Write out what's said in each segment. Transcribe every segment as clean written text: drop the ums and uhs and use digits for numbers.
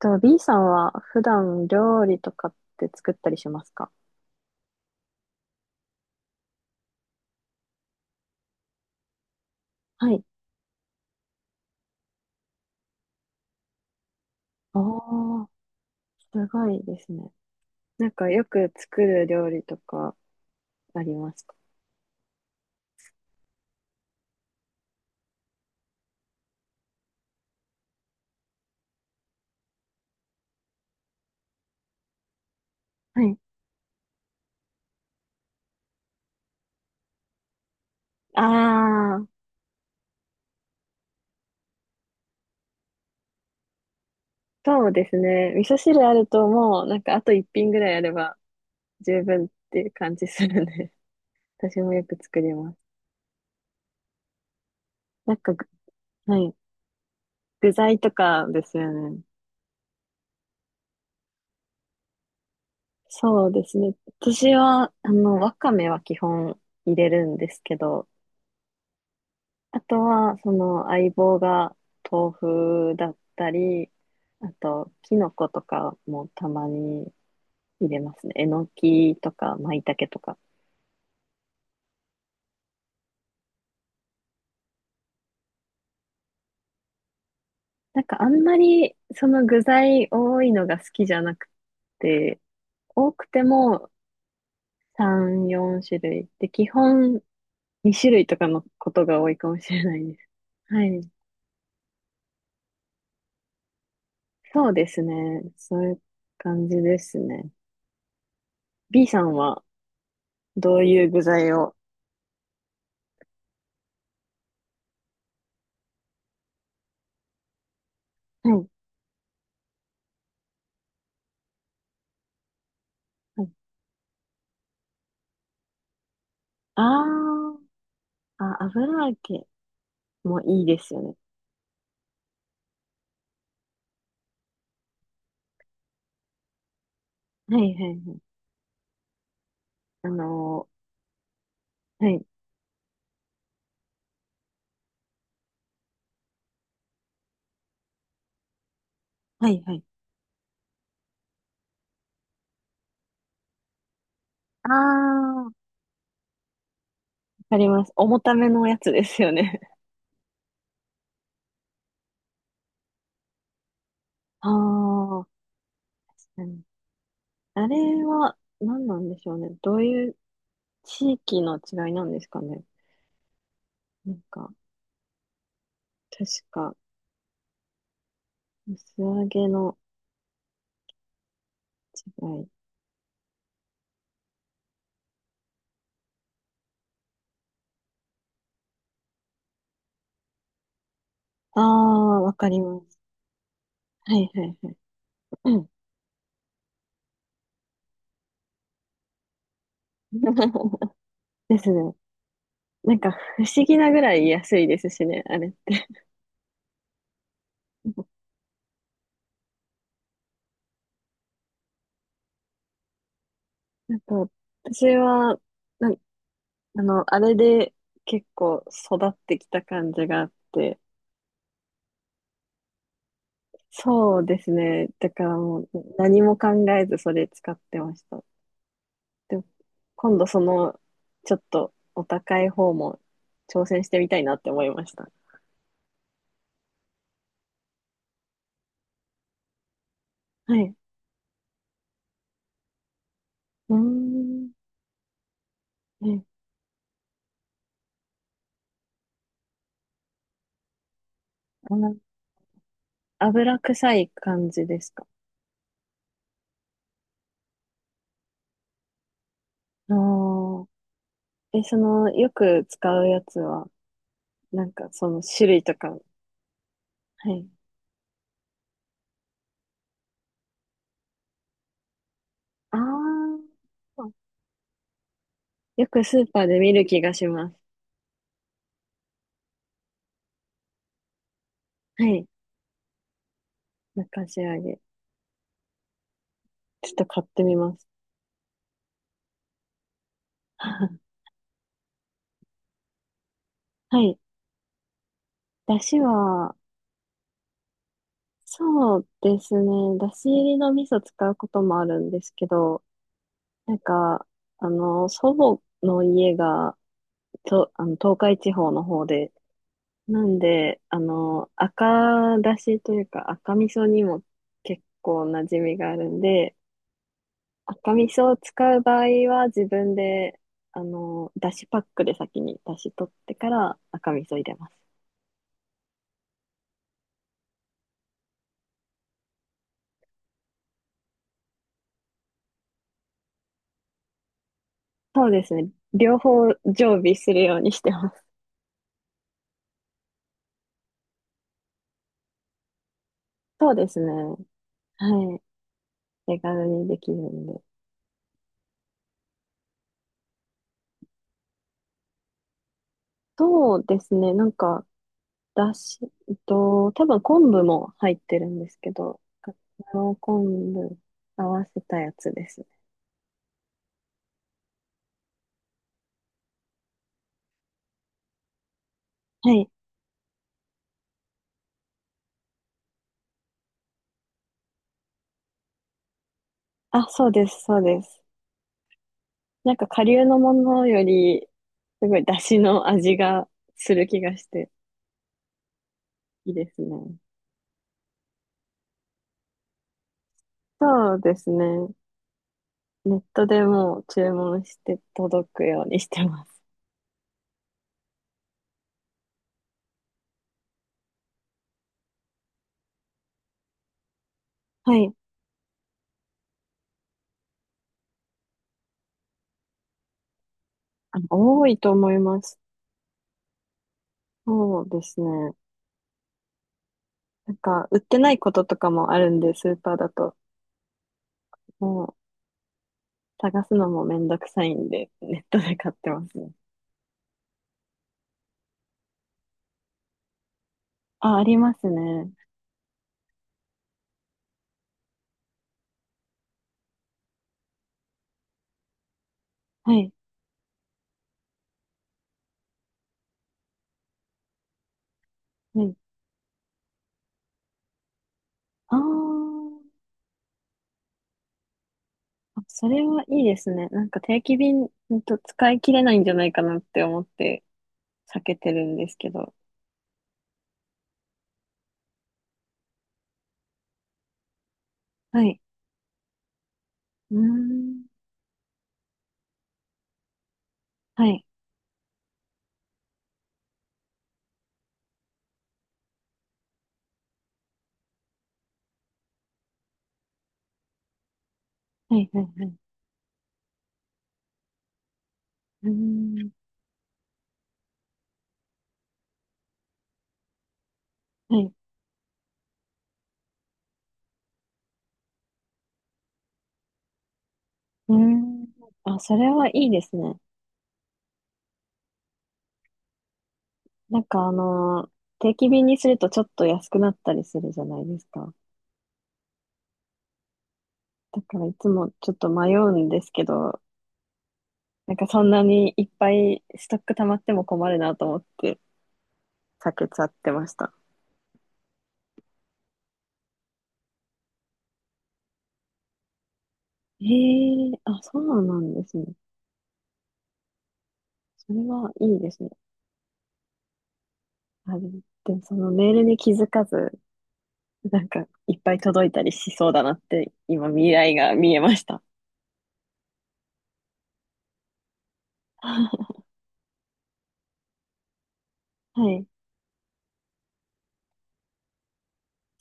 と、B さんは普段料理とかって作ったりしますか？はい。ああ、すごいですね。なんかよく作る料理とかありますか？はい。ああ、そうですね。味噌汁あるともう、なんかあと一品ぐらいあれば十分っていう感じするんで、私もよく作ります。なんかはい。具材とかですよね。そうですね。私は、あの、わかめは基本入れるんですけど、あとは、その相棒が豆腐だったり、あと、キノコとかもたまに入れますね。えのきとか、舞茸とか。なんかあんまり、その具材多いのが好きじゃなくて、多くても3、4種類。で、基本2種類とかのことが多いかもしれないです。はい。そうですね。そういう感じですね。B さんはどういう具材を。はい。はい。ああ。あ、油揚げもいいですよね。はいはいはい。あのはい。はいはい。ああ、わかります。重ためのやつですよね。ああ、うん。あれは何なんでしょうね。どういう地域の違いなんですかね。なんか、確か、薄揚げの違い。ああ、わかります。はいはいはい。うん。 ですね。なんか、不思議なぐらい安いですしね、あれって。あと、私は、なんあの、あれで結構育ってきた感じがあって、そうですね。だからもう何も考えずそれ使ってました。でも、今度その、ちょっとお高い方も挑戦してみたいなって思いました。はい。うーん。ね、あの、油臭い感じですか？ああ。え、その、よく使うやつは、なんかその種類とか、はい。ああ。よくスーパーで見る気がします。はい。中仕上げ。ちょっと買ってみます。はい。だしは、そうですね。だし入りの味噌使うこともあるんですけど、なんか、あの、祖母の家が、と、あの、東海地方の方で、なんで、あの、赤だしというか赤味噌にも結構馴染みがあるんで、赤味噌を使う場合は自分で、あの、だしパックで先にだし取ってから赤味噌入れます。そうですね。両方常備するようにしてます。そうですね。はい。手軽にできるんで。そうですね。なんか、だし、多分昆布も入ってるんですけど、かつお昆布合わせたやつですね。はい。あ、そうです、そうです。なんか、顆粒のものより、すごいだしの味がする気がして、いいですね。そうですね。ネットでもう注文して届くようにしてます。はい。あ、多いと思います。そうですね。なんか、売ってないこととかもあるんで、スーパーだと。もう、探すのもめんどくさいんで、ネットで買ってますね。あ、ありますね。はい。はい。あー。あ、それはいいですね。なんか定期便、ほんと使い切れないんじゃないかなって思って避けてるんですけど。はい。うーん。はい。はい、はい、はい。うーん。はい。うーん。あ、それはいいですね。なんかあの、定期便にするとちょっと安くなったりするじゃないですか。だからいつもちょっと迷うんですけど、なんかそんなにいっぱいストック溜まっても困るなと思って避けちゃってました。ええ、あ、そうなんですね。それはいいですね。あれ、でもそのメールに気づかず、なんかいっぱい届いたりしそうだなって今未来が見えました。はい、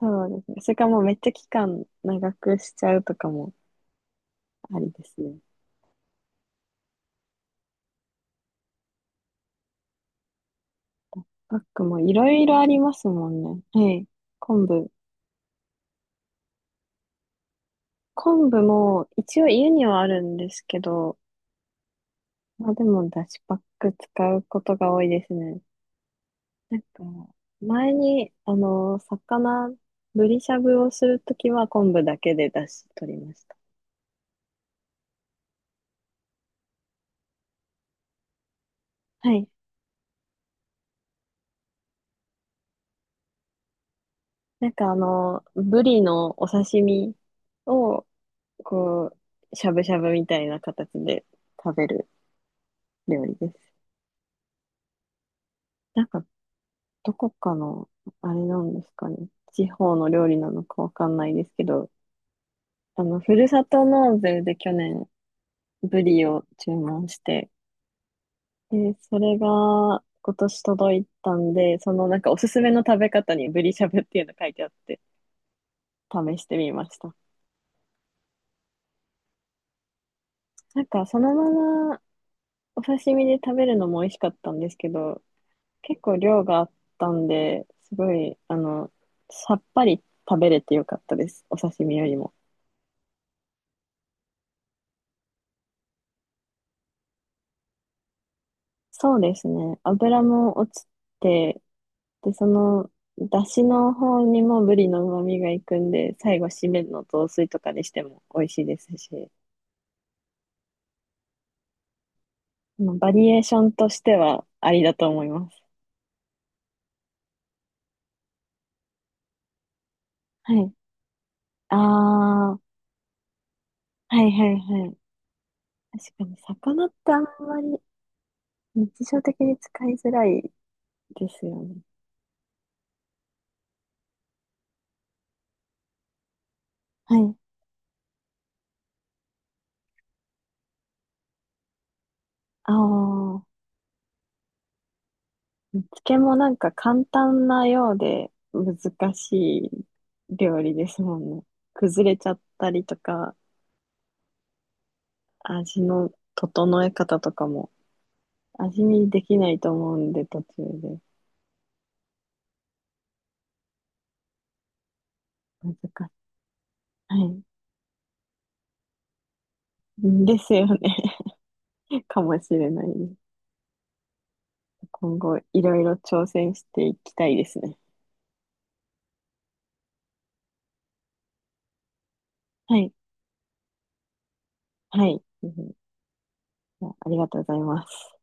そうですね。それかもうめっちゃ期間長くしちゃうとかもありですね。パックもいろいろありますもんね。はい。昆布。昆布も一応家にはあるんですけど、まあでもだしパック使うことが多いですね。なんか、前に、あの、魚、ブリしゃぶをするときは昆布だけでだし取りました。はい。なんかあの、ブリのお刺身を、こう、しゃぶしゃぶみたいな形で食べる料理です。なんかどこかの、あれなんですかね。地方の料理なのかわかんないですけど、あの、ふるさと納税で去年、ブリを注文して、で、それが今年届いたんで、そのなんかおすすめの食べ方にブリしゃぶっていうの書いてあって、試してみました。なんかそのままお刺身で食べるのも美味しかったんですけど、結構量があったんで、すごい、あの、さっぱり食べれてよかったです。お刺身よりも。そうですね。油も落ちて、で、その、だしの方にもブリの旨味がいくんで、最後、締めの雑炊とかにしても美味しいですし、まあバリエーションとしてはありだと思います。はい。ああ、はいはいはい。確かに、魚ってあんまり日常的に使いづらいですよね。はい。ああ。漬けもなんか簡単なようで難しい料理ですもんね。崩れちゃったりとか、味の整え方とかも味見できないと思うんで途中で難しい。はい。ですよね。かもしれないです。今後いろいろ挑戦していきたいですね。はい。はい。うん、じゃあありがとうございます。